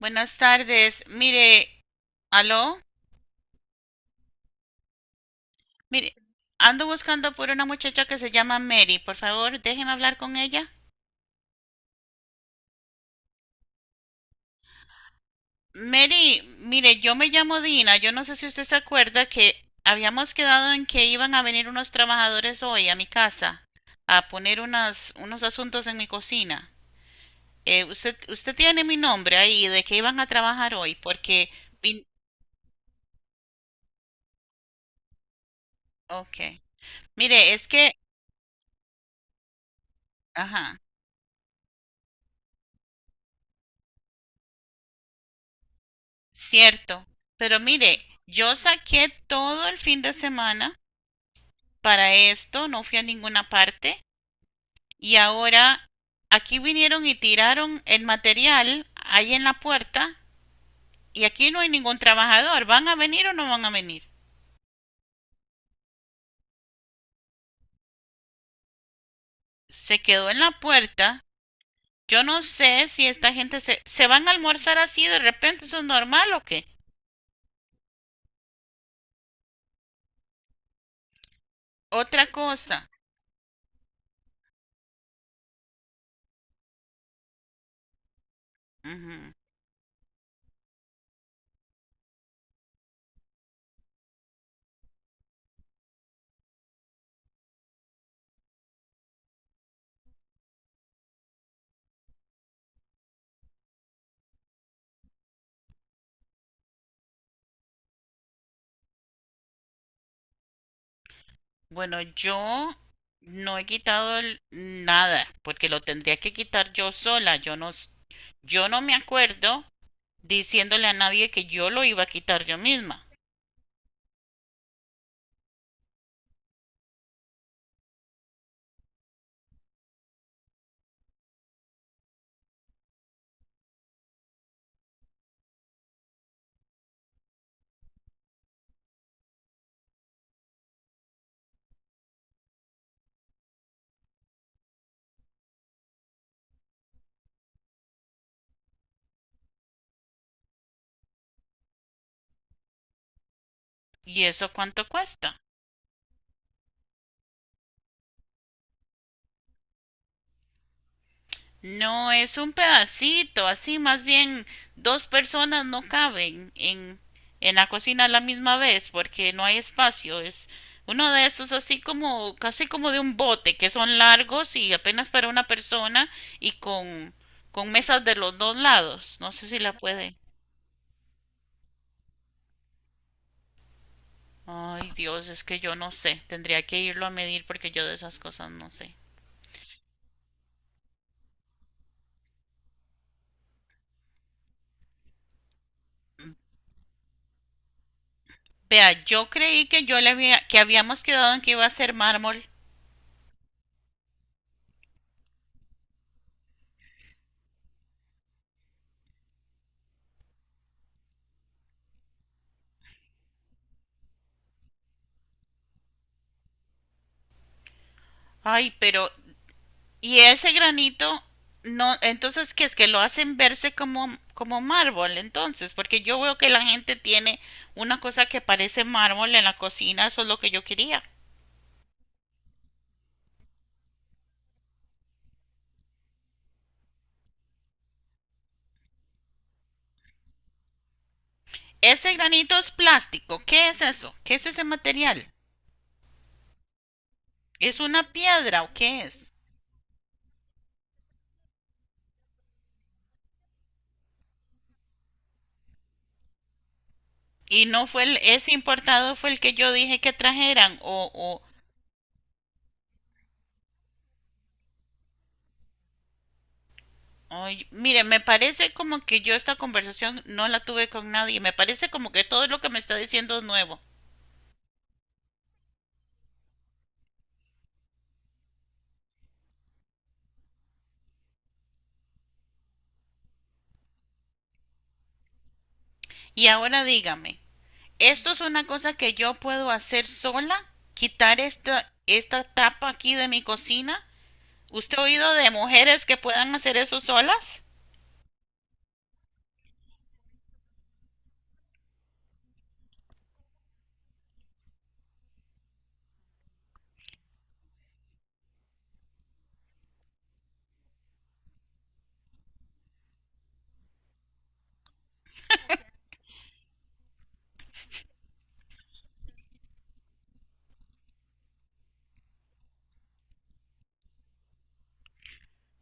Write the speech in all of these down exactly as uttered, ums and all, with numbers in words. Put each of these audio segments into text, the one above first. Buenas tardes. Mire, aló. Mire, ando buscando por una muchacha que se llama Mary. Por favor, déjeme hablar con ella. Mary, mire, yo me llamo Dina. Yo no sé si usted se acuerda que habíamos quedado en que iban a venir unos trabajadores hoy a mi casa a poner unas, unos asuntos en mi cocina. Eh, usted, usted tiene mi nombre ahí de que iban a trabajar hoy porque... mi- Ok. Mire, es que... Ajá. Cierto, pero mire, yo saqué todo el fin de semana para esto, no fui a ninguna parte y ahora aquí vinieron y tiraron el material ahí en la puerta y aquí no hay ningún trabajador. ¿Van a venir o no van a venir? Se quedó en la puerta. Yo no sé si esta gente se, se van a almorzar así de repente, ¿eso es normal o qué? Otra cosa. Ujú. Bueno, yo no he quitado el- nada, porque lo tendría que quitar yo sola. Yo no, s- yo no me acuerdo diciéndole a nadie que yo lo iba a quitar yo misma. ¿Y eso cuánto cuesta? No, es un pedacito, así más bien dos personas no caben en, en la cocina a la misma vez porque no hay espacio. Es uno de esos así como, casi como de un bote, que son largos y apenas para una persona y con, con mesas de los dos lados. No sé si la puede. Ay, Dios, es que yo no sé. Tendría que irlo a medir porque yo de esas cosas no sé. Vea, yo creí que yo le había, que habíamos quedado en que iba a ser mármol. Ay, pero y ese granito, no, entonces, ¿qué es que lo hacen verse como, como mármol? Entonces, porque yo veo que la gente tiene una cosa que parece mármol en la cocina, eso es lo que yo quería. Ese granito es plástico, ¿qué es eso? ¿Qué es ese material? ¿Es una piedra o qué es? Y no fue el, ese importado fue el que yo dije que trajeran o, o ay, mire, me parece como que yo esta conversación no la tuve con nadie. Me parece como que todo lo que me está diciendo es nuevo. Y ahora dígame, esto es una cosa que yo puedo hacer sola, quitar esta, esta tapa aquí de mi cocina. ¿Usted ha oído de mujeres que puedan hacer eso solas?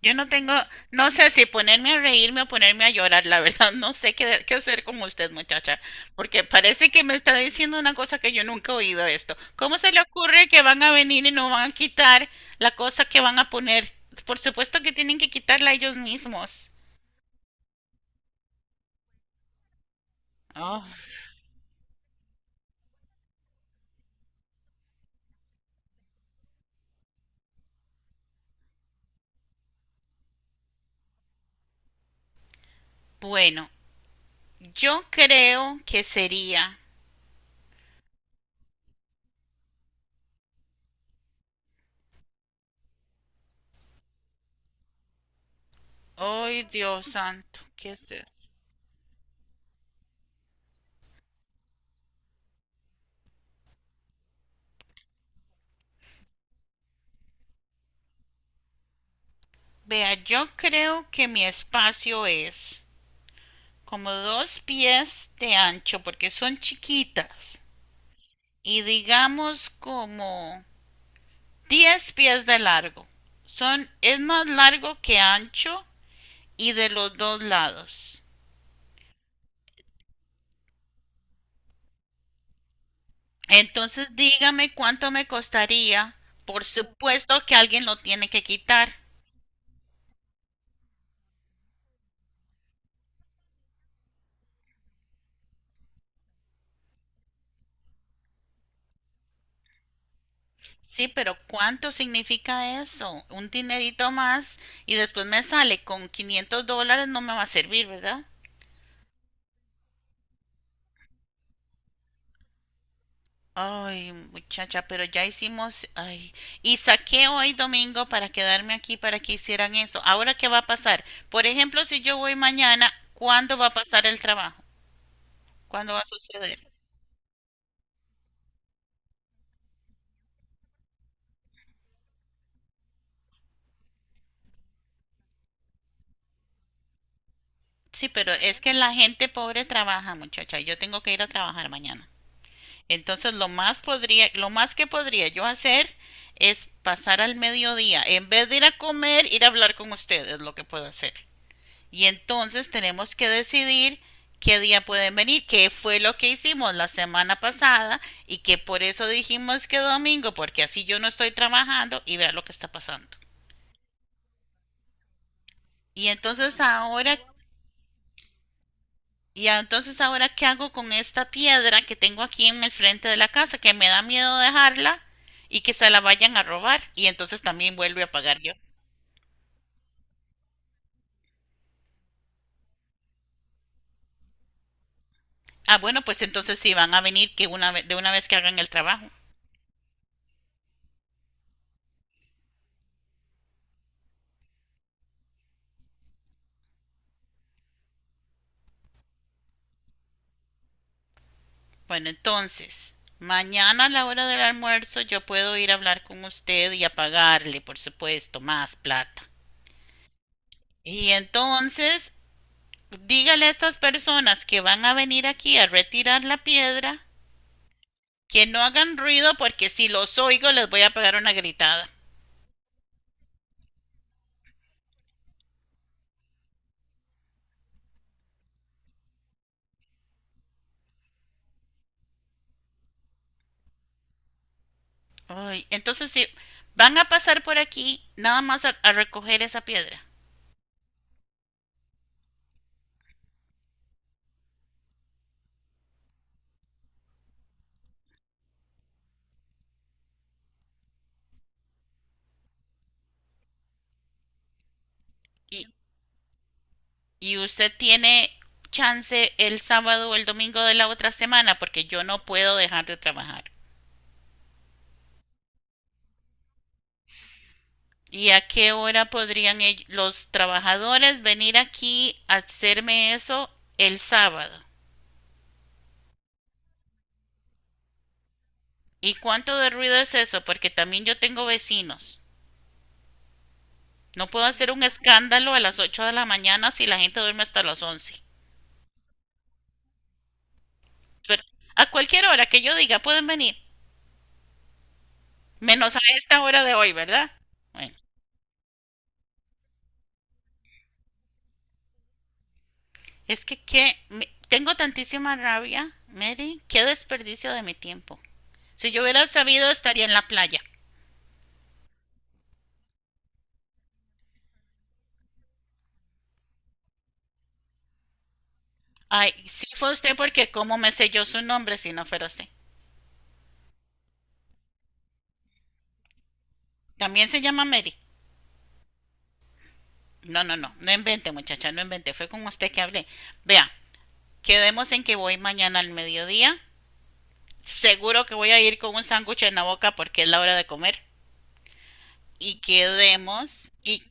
Yo no tengo, no sé si ponerme a reírme o ponerme a llorar, la verdad, no sé qué, qué hacer con usted, muchacha, porque parece que me está diciendo una cosa que yo nunca he oído esto. ¿Cómo se le ocurre que van a venir y no van a quitar la cosa que van a poner? Por supuesto que tienen que quitarla ellos mismos. Ah, bueno, yo creo que sería ay, Dios santo, ¿qué es esto? Vea, yo creo que mi espacio es como dos pies de ancho porque son chiquitas y digamos como diez pies de largo. Son, es más largo que ancho y de los dos lados. Entonces dígame cuánto me costaría. Por supuesto que alguien lo tiene que quitar. Sí, pero ¿cuánto significa eso? Un dinerito más y después me sale con quinientos dólares, no me va a servir, ¿verdad? Ay, muchacha, pero ya hicimos, ay, y saqué hoy domingo para quedarme aquí para que hicieran eso. Ahora, ¿qué va a pasar? Por ejemplo, si yo voy mañana, ¿cuándo va a pasar el trabajo? ¿Cuándo va a suceder? Sí, pero es que la gente pobre trabaja, muchacha, y yo tengo que ir a trabajar mañana. Entonces lo más podría, lo más que podría yo hacer es pasar al mediodía, en vez de ir a comer, ir a hablar con ustedes, lo que puedo hacer. Y entonces tenemos que decidir qué día pueden venir, qué fue lo que hicimos la semana pasada y que por eso dijimos que domingo, porque así yo no estoy trabajando y vea lo que está pasando. Y entonces ahora Y entonces ahora qué hago con esta piedra que tengo aquí en el frente de la casa, que me da miedo dejarla y que se la vayan a robar. Y entonces también vuelvo a pagar yo. Ah, bueno, pues entonces sí van a venir que una ve- de una vez que hagan el trabajo. Bueno, entonces, mañana a la hora del almuerzo yo puedo ir a hablar con usted y a pagarle, por supuesto, más plata. Y entonces, dígale a estas personas que van a venir aquí a retirar la piedra que no hagan ruido porque si los oigo les voy a pegar una gritada. Ay, entonces si van a pasar por aquí, nada más a, a recoger esa piedra. Y, y usted tiene chance el sábado o el domingo de la otra semana porque yo no puedo dejar de trabajar. ¿Y a qué hora podrían ell- los trabajadores venir aquí a hacerme eso el sábado? ¿Y cuánto de ruido es eso? Porque también yo tengo vecinos. No puedo hacer un escándalo a las ocho de la mañana si la gente duerme hasta las once. Pero a cualquier hora que yo diga pueden venir, menos a esta hora de hoy, ¿verdad? Bueno, es que, que me- tengo tantísima rabia, Mary, qué desperdicio de mi tiempo. Si yo hubiera sabido estaría en la playa. Ay, sí fue usted porque cómo me selló su nombre si no fuera usted. También se llama Mary. No, no, no, no invente muchacha, no invente, fue con usted que hablé. Vea, quedemos en que voy mañana al mediodía seguro que voy a ir con un sándwich en la boca porque es la hora de comer. Y quedemos, y,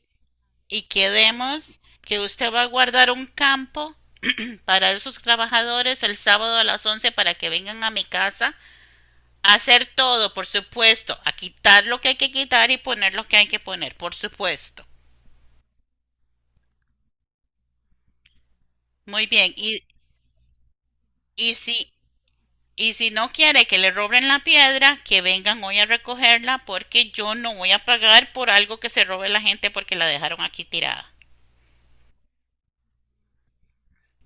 y quedemos que usted va a guardar un campo para esos trabajadores el sábado a las once para que vengan a mi casa a hacer todo, por supuesto, a quitar lo que hay que quitar y poner lo que hay que poner, por supuesto. Muy bien, y, y si y si no quiere que le roben la piedra, que vengan hoy a recogerla porque yo no voy a pagar por algo que se robe la gente porque la dejaron aquí tirada.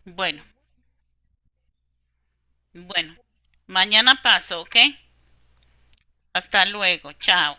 Bueno, bueno. Mañana paso, ¿ok? Hasta luego. Chao.